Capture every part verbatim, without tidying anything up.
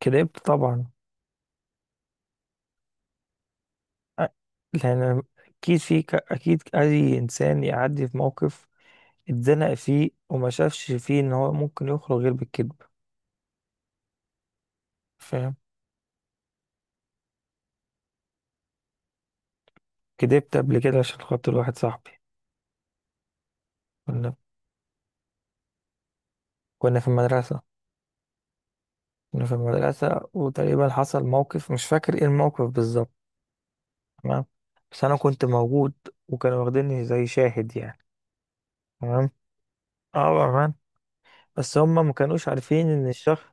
كدبت طبعا. أ- لأن أكيد في ك- أكيد أي إنسان يعدي في موقف اتزنق فيه وما شافش فيه إن هو ممكن يخرج غير بالكذب. فاهم؟ كدبت قبل كده عشان خاطر واحد صاحبي. كنا كنا في المدرسة. كنا في المدرسة وتقريبا حصل موقف مش فاكر إيه الموقف بالظبط. تمام، بس أنا كنت موجود وكانوا واخديني زي شاهد يعني. تمام. اه، بأمان. بس هما ما كانوش عارفين إن الشخص،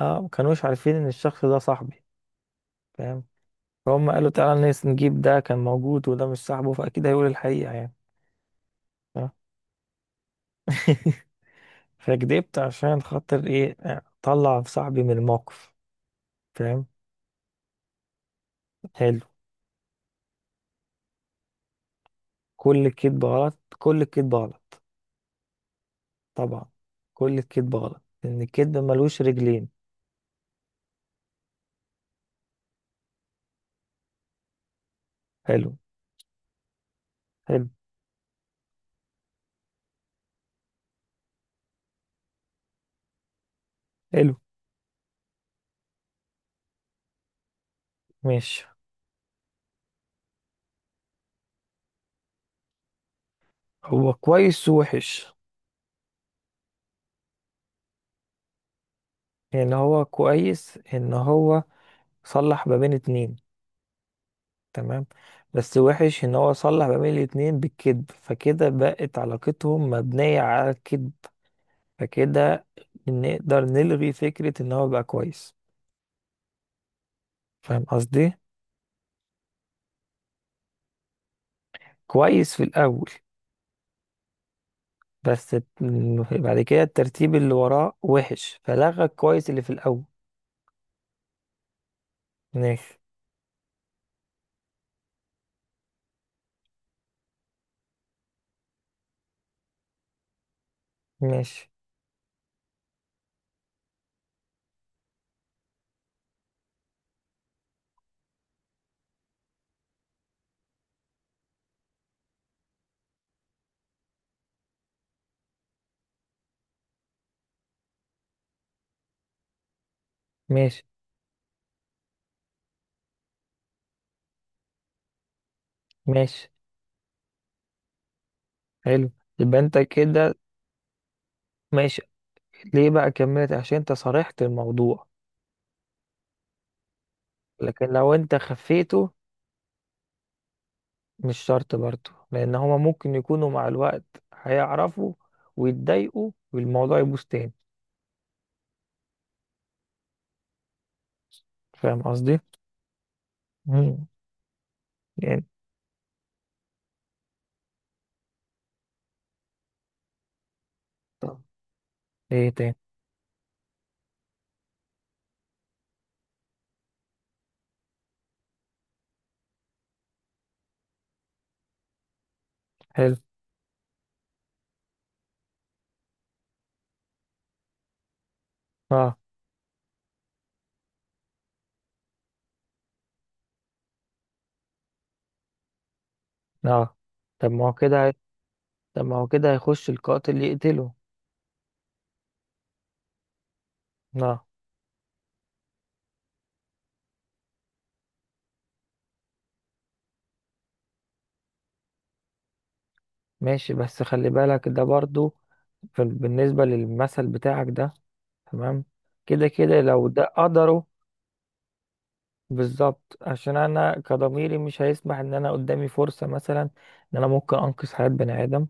اه ما كانوش عارفين إن الشخص ده صاحبي. فاهم. فهم قالوا تعالى نس- نجيب ده كان موجود وده مش صاحبه فأكيد هيقول الحقيقة يعني. اه. فكدبت عشان خاطر إيه، أطلع صاحبي من الموقف. فاهم. حلو. كل الكذب غلط، كل الكذب غلط. طبعا. كل الكذب غلط لأن الكذب ملوش رجلين. حلو، حلو، حلو. ماشي. هو كويس ووحش. يعني هو كويس إن هو صلح ما بين اتنين. تمام. بس وحش ان هو صلح ما بين الاتنين بالكذب، فكده بقت علاقتهم مبنية على الكذب. فكده نقدر نلغي فكرة ان هو بقى كويس. فاهم قصدي؟ كويس في الاول. بس الت- بعد كده الترتيب اللي وراه وحش فلغى الكويس اللي في الاول. ماشي. ماشي. ماشي. ماشي. حلو. يبقى انت كده. ماشي. ليه بقى كملت؟ عشان انت صرحت الموضوع. لكن لو انت خفيته، مش شرط برضه، لان هما ممكن يكونوا مع الوقت هيعرفوا ويتضايقوا والموضوع يبوظ تاني. فاهم قصدي؟ مم. يعني. طب ايه تاني؟ حلو. اه. اه، طب ما هو كده هي- طب ما هو كده هيخش القاتل يقتله. اه. ماشي بس خلي بالك، ده برضه في، بالنسبة للمثل بتاعك ده. تمام. كده كده لو ده قدره. بالظبط، عشان انا كضميري مش هيسمح ان انا قدامي فرصة مثلا ان انا ممكن انقذ حياة بني ادم.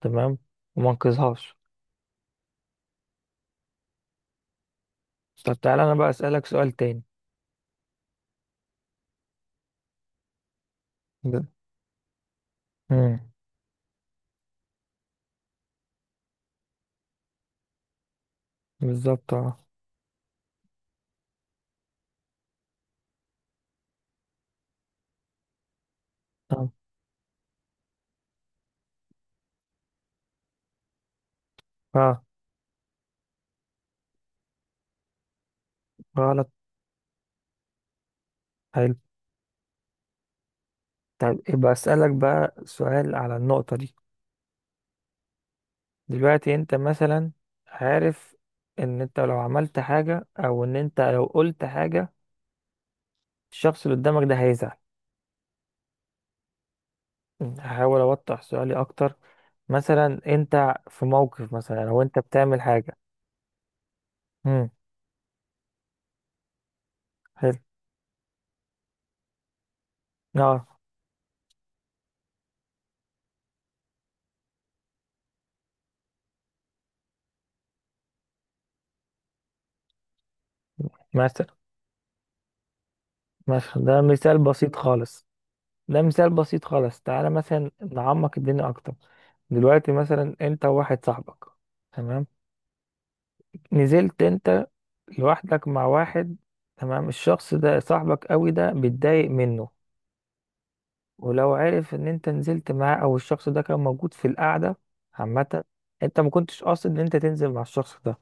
تمام. وما انقذهاش. طب تعالى انا بقى اسالك سؤال تاني. ب... مم. بالظبط. اه. طب. اه. غلط. حلو. طب يبقى اسالك بقى سؤال على النقطه دي. دلوقتي انت مثلا عارف ان انت لو عملت حاجه او ان انت لو قلت حاجه الشخص اللي قدامك ده هيزعل. هحاول اوضح سؤالي اكتر. مثلا انت في موقف مثلا او انت بتعمل حاجه. امم. حلو. اه. مثلا. مثلا ده مثال بسيط خالص. ده مثال بسيط خالص، تعالى مثلا نعمق الدنيا اكتر. دلوقتي مثلا انت وواحد صاحبك. تمام. نزلت انت لوحدك مع واحد. تمام. الشخص ده صاحبك قوي ده بيتضايق منه. ولو عرف ان انت نزلت معاه او الشخص ده كان موجود في القعدة عامة. انت ما كنتش قاصد ان انت تنزل مع الشخص ده.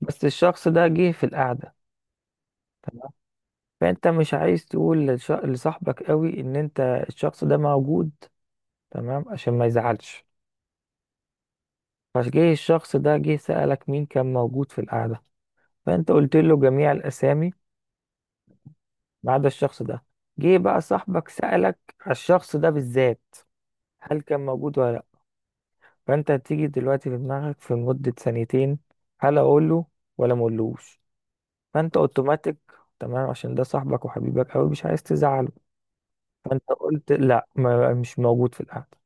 بس الشخص ده جه في القعدة. تمام. فانت مش عايز تقول للش- لصاحبك قوي ان انت الشخص ده موجود. تمام، عشان ما يزعلش. فجه الشخص ده، جه سألك مين كان موجود في القعدة. فأنت قلت له جميع الأسامي ما عدا الشخص ده. جه بقى صاحبك سألك على الشخص ده بالذات، هل كان موجود ولا لأ. فأنت هتيجي دلوقتي في دماغك في مدة ثانيتين، هل أقوله ولا مقولوش. فأنت أوتوماتيك، تمام عشان ده صاحبك وحبيبك أوي مش عايز تزعله. فأنت قلت لأ، ما مش موجود في القعدة.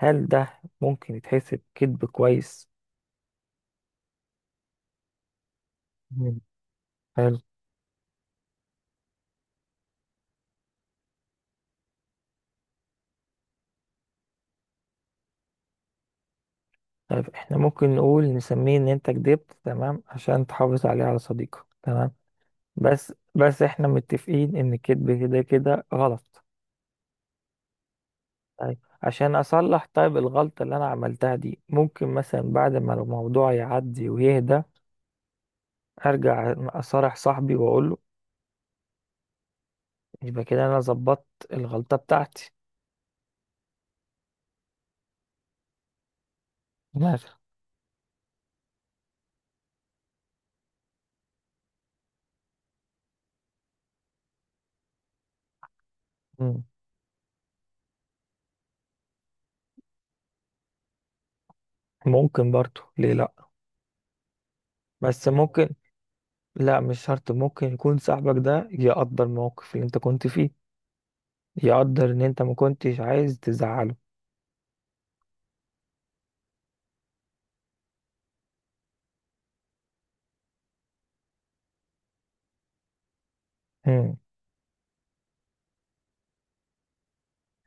هل ده ممكن يتحسب كذب كويس؟ مم. حلو. طيب احنا ممكن نقول نسميه ان انت كدبت تمام عشان تحافظ عليه على صديقك. تمام. بس بس احنا متفقين ان الكذب كده كده غلط. طيب عشان اصلح طيب الغلطة اللي انا عملتها دي ممكن مثلا بعد ما الموضوع يعدي ويهدى، ارجع اصارح صاحبي واقول له. يبقى كده انا ظبطت الغلطة بتاعتي. مثلا. مم. ممكن برضو، ليه لا. بس ممكن، لا مش شرط، ممكن يكون صاحبك ده يقدر الموقف اللي انت كنت فيه، يقدر ان انت ما كنتش عايز تزعله. مم.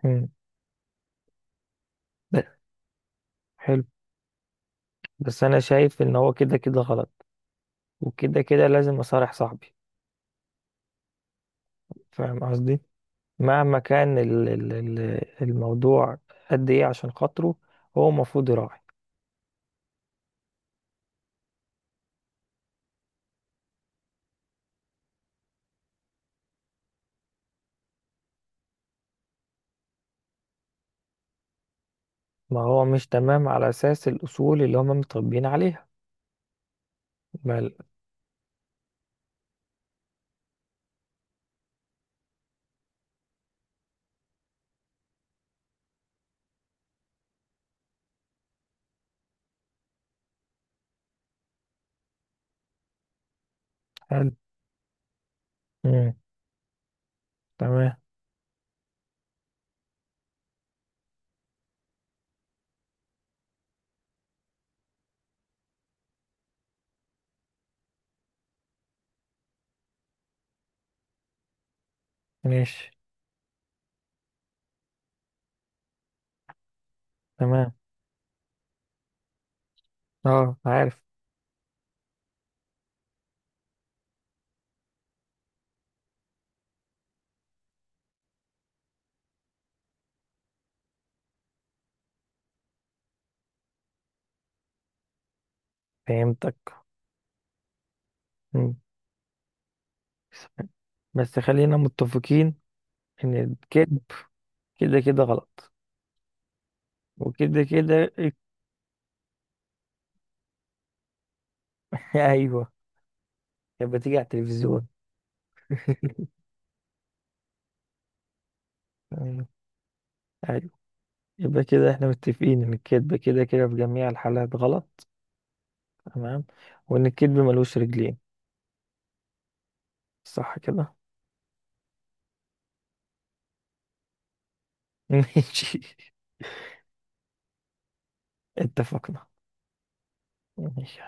مم. ب- حلو. بس انا شايف ان هو كده كده غلط. وكده كده لازم اصارح صاحبي. فاهم قصدي. مهما كان ال- ال- ال- الموضوع قد ايه عشان خاطره، هو المفروض يراعي. ما هو مش تمام على اساس الاصول اللي هما متربيين عليها. بل. حلو. مم. تمام. ماشي. تمام. اه عارف. فهمتك. مم. بس خلينا متفقين ان الكذب كده كده غلط. وكده كده. ايوه. كانت بتيجي على التلفزيون. ايوه. ايوه. يبقى كده احنا متفقين ان الكذب كده كده في جميع الحالات غلط. تمام. وان الكذب ملوش رجلين. صح كده؟ ماشي. اتفقنا. ماشي.